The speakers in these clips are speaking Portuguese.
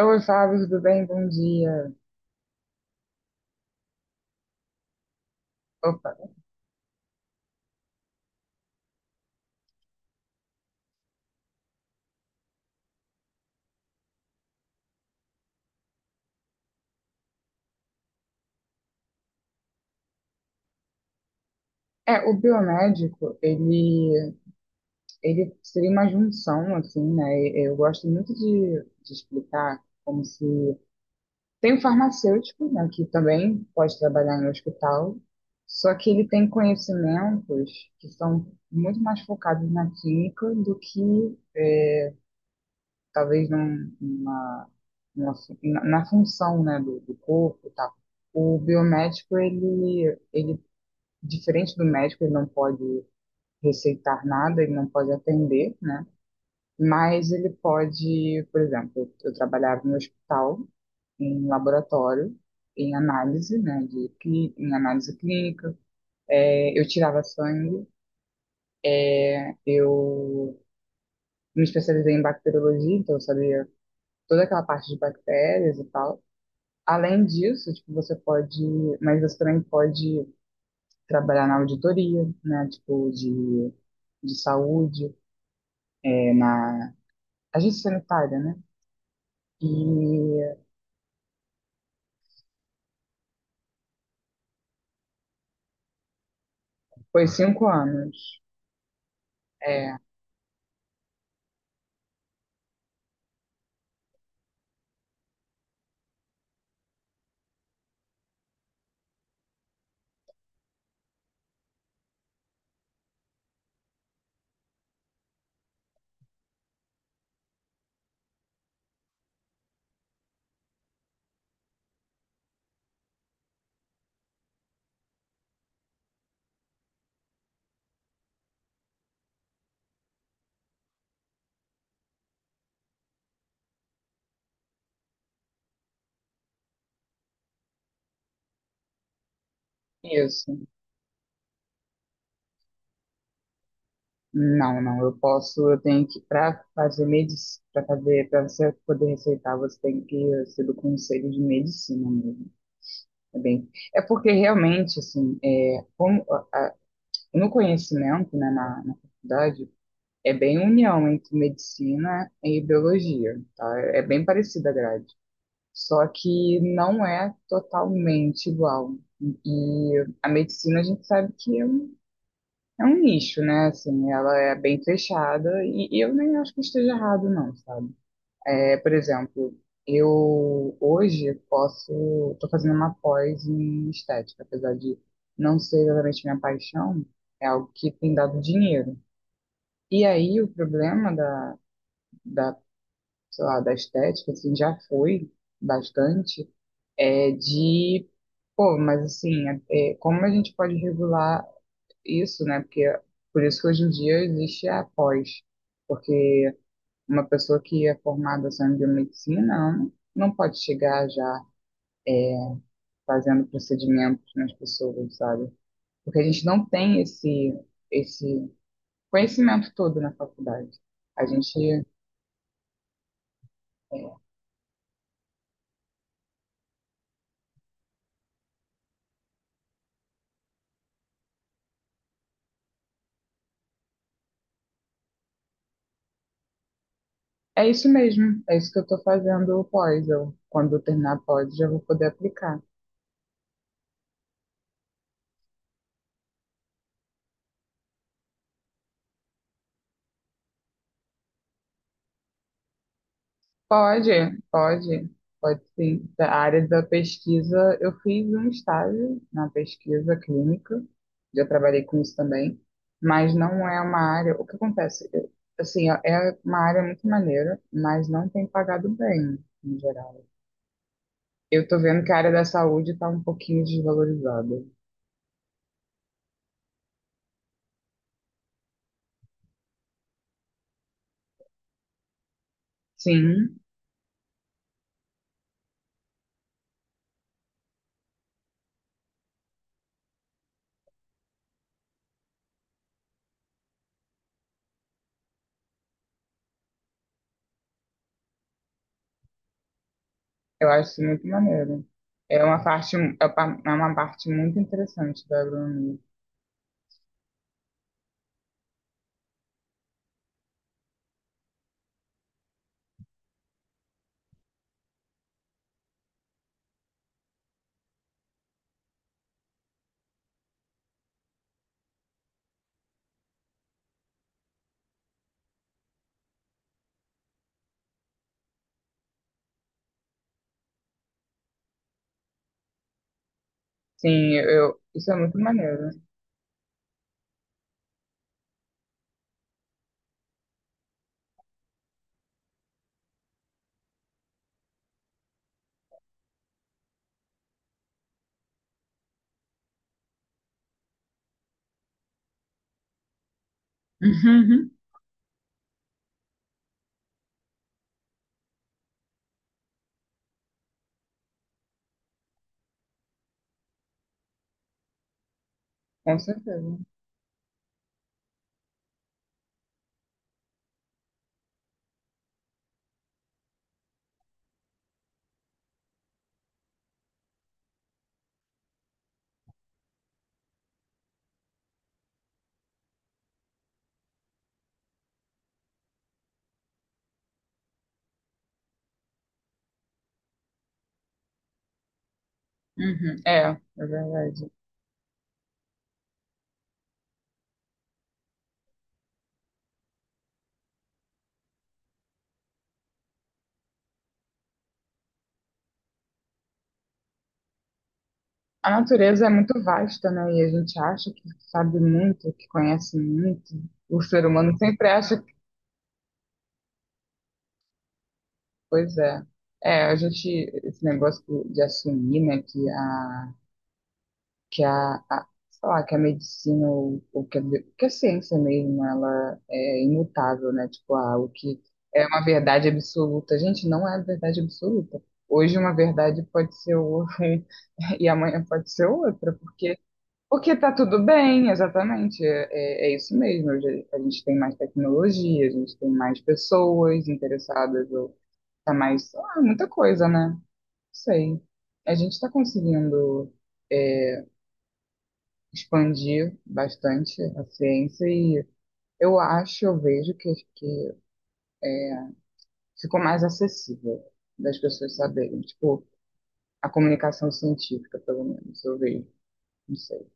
Oi, Fábio, tudo bem? Bom dia. Opa. É, o biomédico, ele seria uma junção, assim, né? Eu gosto muito de explicar. Como se... Tem o farmacêutico, né, que também pode trabalhar no hospital, só que ele tem conhecimentos que são muito mais focados na clínica do que, talvez, num, numa, numa fu- na, na função, né, do corpo e tal. O biomédico, ele diferente do médico, ele não pode receitar nada, ele não pode atender, né? Mas ele pode, por exemplo, eu trabalhava no hospital, em laboratório, em análise, né, em análise clínica. Eu tirava sangue, né? Eu me especializei em bacteriologia, então eu sabia toda aquela parte de bactérias e tal. Além disso, tipo, mas você também pode trabalhar na auditoria, né, tipo, de saúde, na agência sanitária, né? E foi 5 anos. É, isso. Não, não, eu posso, eu tenho que, para fazer medicina, para você poder receitar, você tem que ser do conselho de medicina mesmo. É bem, É porque realmente, assim, no conhecimento, né, na faculdade, é bem união entre medicina e biologia, tá? É bem parecida a grade. Só que não é totalmente igual. E a medicina a gente sabe que é um nicho, né? Assim, ela é bem fechada e eu nem acho que esteja errado, não, sabe? É, por exemplo, eu hoje posso, estou fazendo uma pós em estética, apesar de não ser exatamente minha paixão, é algo que tem dado dinheiro. E aí o problema da, sei lá, da estética, assim, já foi bastante é de, mas assim, como a gente pode regular isso, né? Porque por isso que hoje em dia existe a pós, porque uma pessoa que é formada só em biomedicina não pode chegar já é, fazendo procedimentos nas pessoas, sabe? Porque a gente não tem esse conhecimento todo na faculdade. A gente é é isso mesmo, é isso que eu estou fazendo pós. Eu, quando eu terminar a pós, já vou poder aplicar. Pode, pode, pode sim. Da área da pesquisa, eu fiz um estágio na pesquisa clínica, já trabalhei com isso também, mas não é uma área. O que acontece? Assim, é uma área muito maneira, mas não tem pagado bem, em geral. Eu tô vendo que a área da saúde tá um pouquinho desvalorizada. Sim, eu acho isso muito maneiro. É uma parte, é uma parte muito interessante da agronomia. Sim, isso é muito maneiro. Com certeza. Uhum. É verdade. A natureza é muito vasta, né? E a gente acha que sabe muito, que conhece muito. O ser humano sempre acha que, pois é. É, a gente, esse negócio de assumir, né, que a sei lá, que a medicina ou que a ciência mesmo, ela é imutável, né? Tipo, ah, o que é uma verdade absoluta. Gente, não é verdade absoluta. Hoje uma verdade pode ser e amanhã pode ser outra, porque tá tudo bem, exatamente. É isso mesmo. Hoje a gente tem mais tecnologia, a gente tem mais pessoas interessadas, ou tá mais, ah, muita coisa, né? Não sei. A gente está conseguindo é, expandir bastante a ciência e eu acho, eu vejo que ficou mais acessível das pessoas saberem. Tipo, a comunicação científica, pelo menos, eu vejo. Não sei.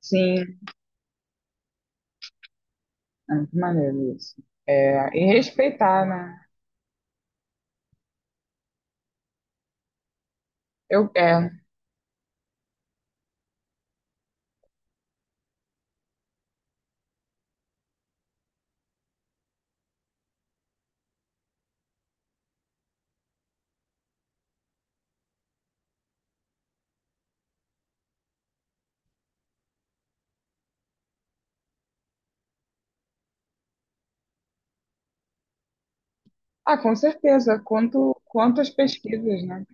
Sim, é muito maneiro isso. É, e respeitar, né? É. Ah, com certeza. Quantas pesquisas, né?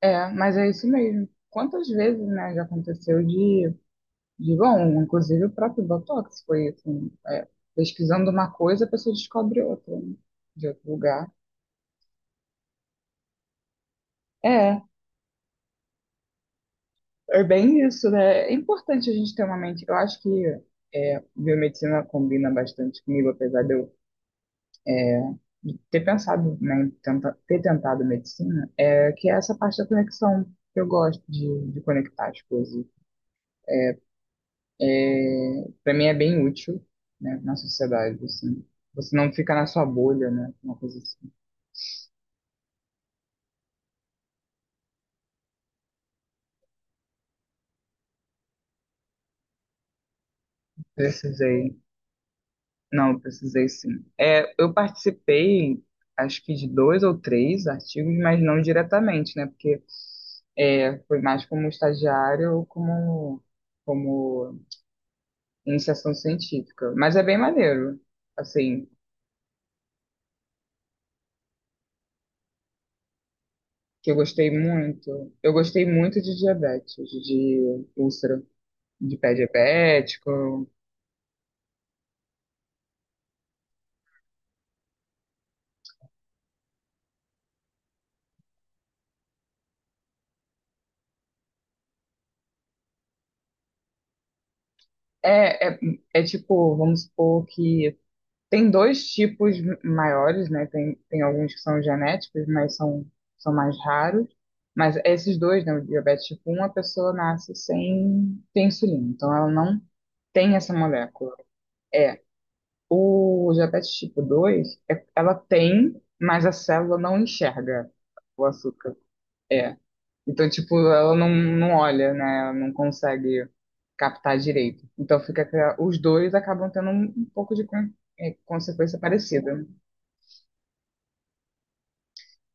É, mas é isso mesmo. Quantas vezes, né, já aconteceu de bom, inclusive o próprio Botox foi assim, é, pesquisando uma coisa, a pessoa descobre outra, né, de outro lugar. É, é bem isso, né? É importante a gente ter uma mente. Eu acho que biomedicina combina bastante comigo, apesar de eu ter pensado, né, ter tentado medicina, é que é essa parte da conexão. Eu gosto de conectar as coisas, é, para mim é bem útil, né, na sociedade, assim. Você não fica na sua bolha, né? Uma coisa assim. Precisei. Não, precisei sim. É, eu participei, acho que de dois ou três artigos, mas não diretamente, né? Porque foi mais como estagiário ou como iniciação científica. Mas é bem maneiro, assim, que eu gostei muito. Eu gostei muito de diabetes, de úlcera, de pé diabético. É, é, é tipo, vamos supor que tem dois tipos maiores, né? Tem alguns que são genéticos, mas são mais raros. Mas esses dois, né? O diabetes tipo um a pessoa nasce sem insulina. Então, ela não tem essa molécula. É. O diabetes tipo 2 ela tem, mas a célula não enxerga o açúcar. É. Então, tipo, ela não olha, né? Ela não consegue captar direito. Então, fica que os dois acabam tendo um pouco de consequência parecida.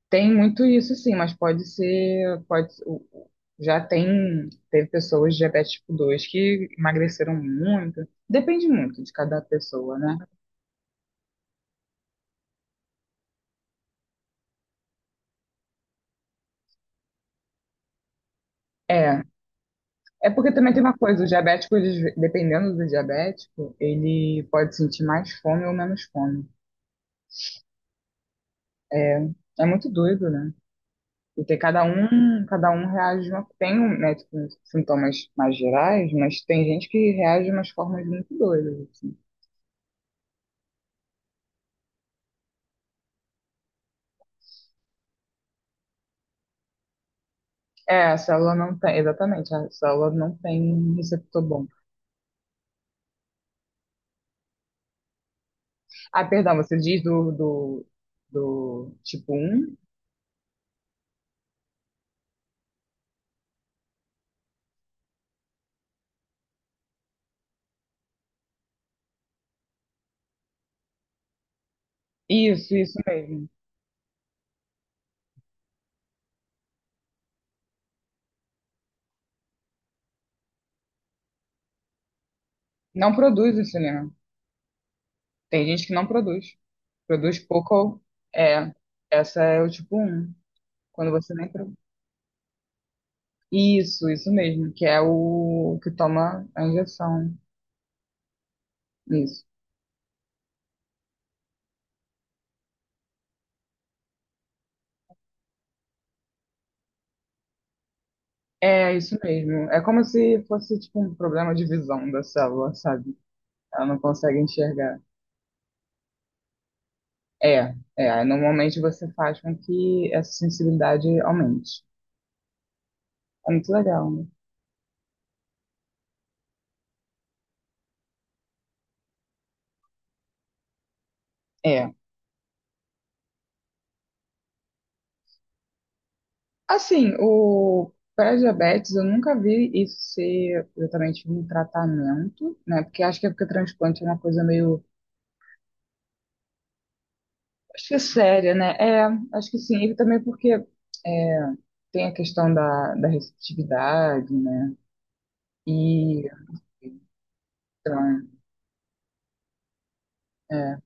Tem muito isso, sim, mas pode ser, pode, já tem, teve pessoas de diabetes tipo 2 que emagreceram muito. Depende muito de cada pessoa, né? É, é porque também tem uma coisa, o diabético, dependendo do diabético, ele pode sentir mais fome ou menos fome. É, é muito doido, né? Porque cada um reage de uma, tem um, né, tipo, sintomas mais gerais, mas tem gente que reage de umas formas muito doidas, assim. É, a célula não tem, exatamente, a célula não tem receptor bom. Ah, perdão, você diz do tipo um. Isso mesmo. Não produz insulina. Tem gente que não produz. Produz pouco. É, essa é o tipo um. Quando você nem produz. Isso mesmo, que é o que toma a injeção. Isso. É isso mesmo. É como se fosse tipo um problema de visão da célula, sabe? Ela não consegue enxergar. É, é. Aí, normalmente você faz com que essa sensibilidade aumente. É muito legal, né? É. Assim, o pré-diabetes eu nunca vi isso ser exatamente um tratamento, né? Porque acho que é porque transplante é uma coisa meio, acho que é séria, né? É, acho que sim. E também porque é, tem a questão da receptividade, né? E então, é,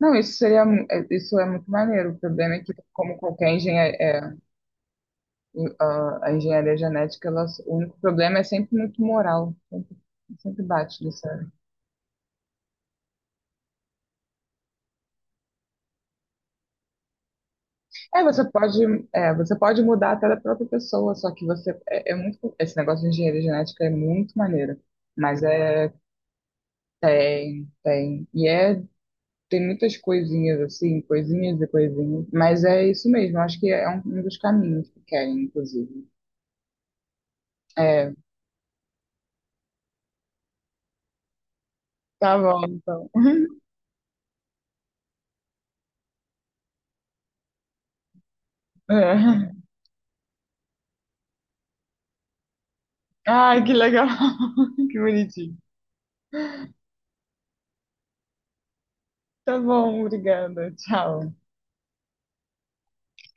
não, isso seria, isso é muito maneiro. O problema é que, como qualquer engenharia, a engenharia genética, o único problema é sempre muito moral. Sempre bate nisso, né? É, você pode mudar até da própria pessoa, só que você, é, é muito, esse negócio de engenharia genética é muito maneiro. Mas tem, tem. E tem muitas coisinhas, assim, coisinhas e coisinhas. Mas é isso mesmo, acho que é um dos caminhos que querem, inclusive. É, tá bom, então. É. Ai, que legal. Que bonitinho. Tá bom, obrigada. Tchau.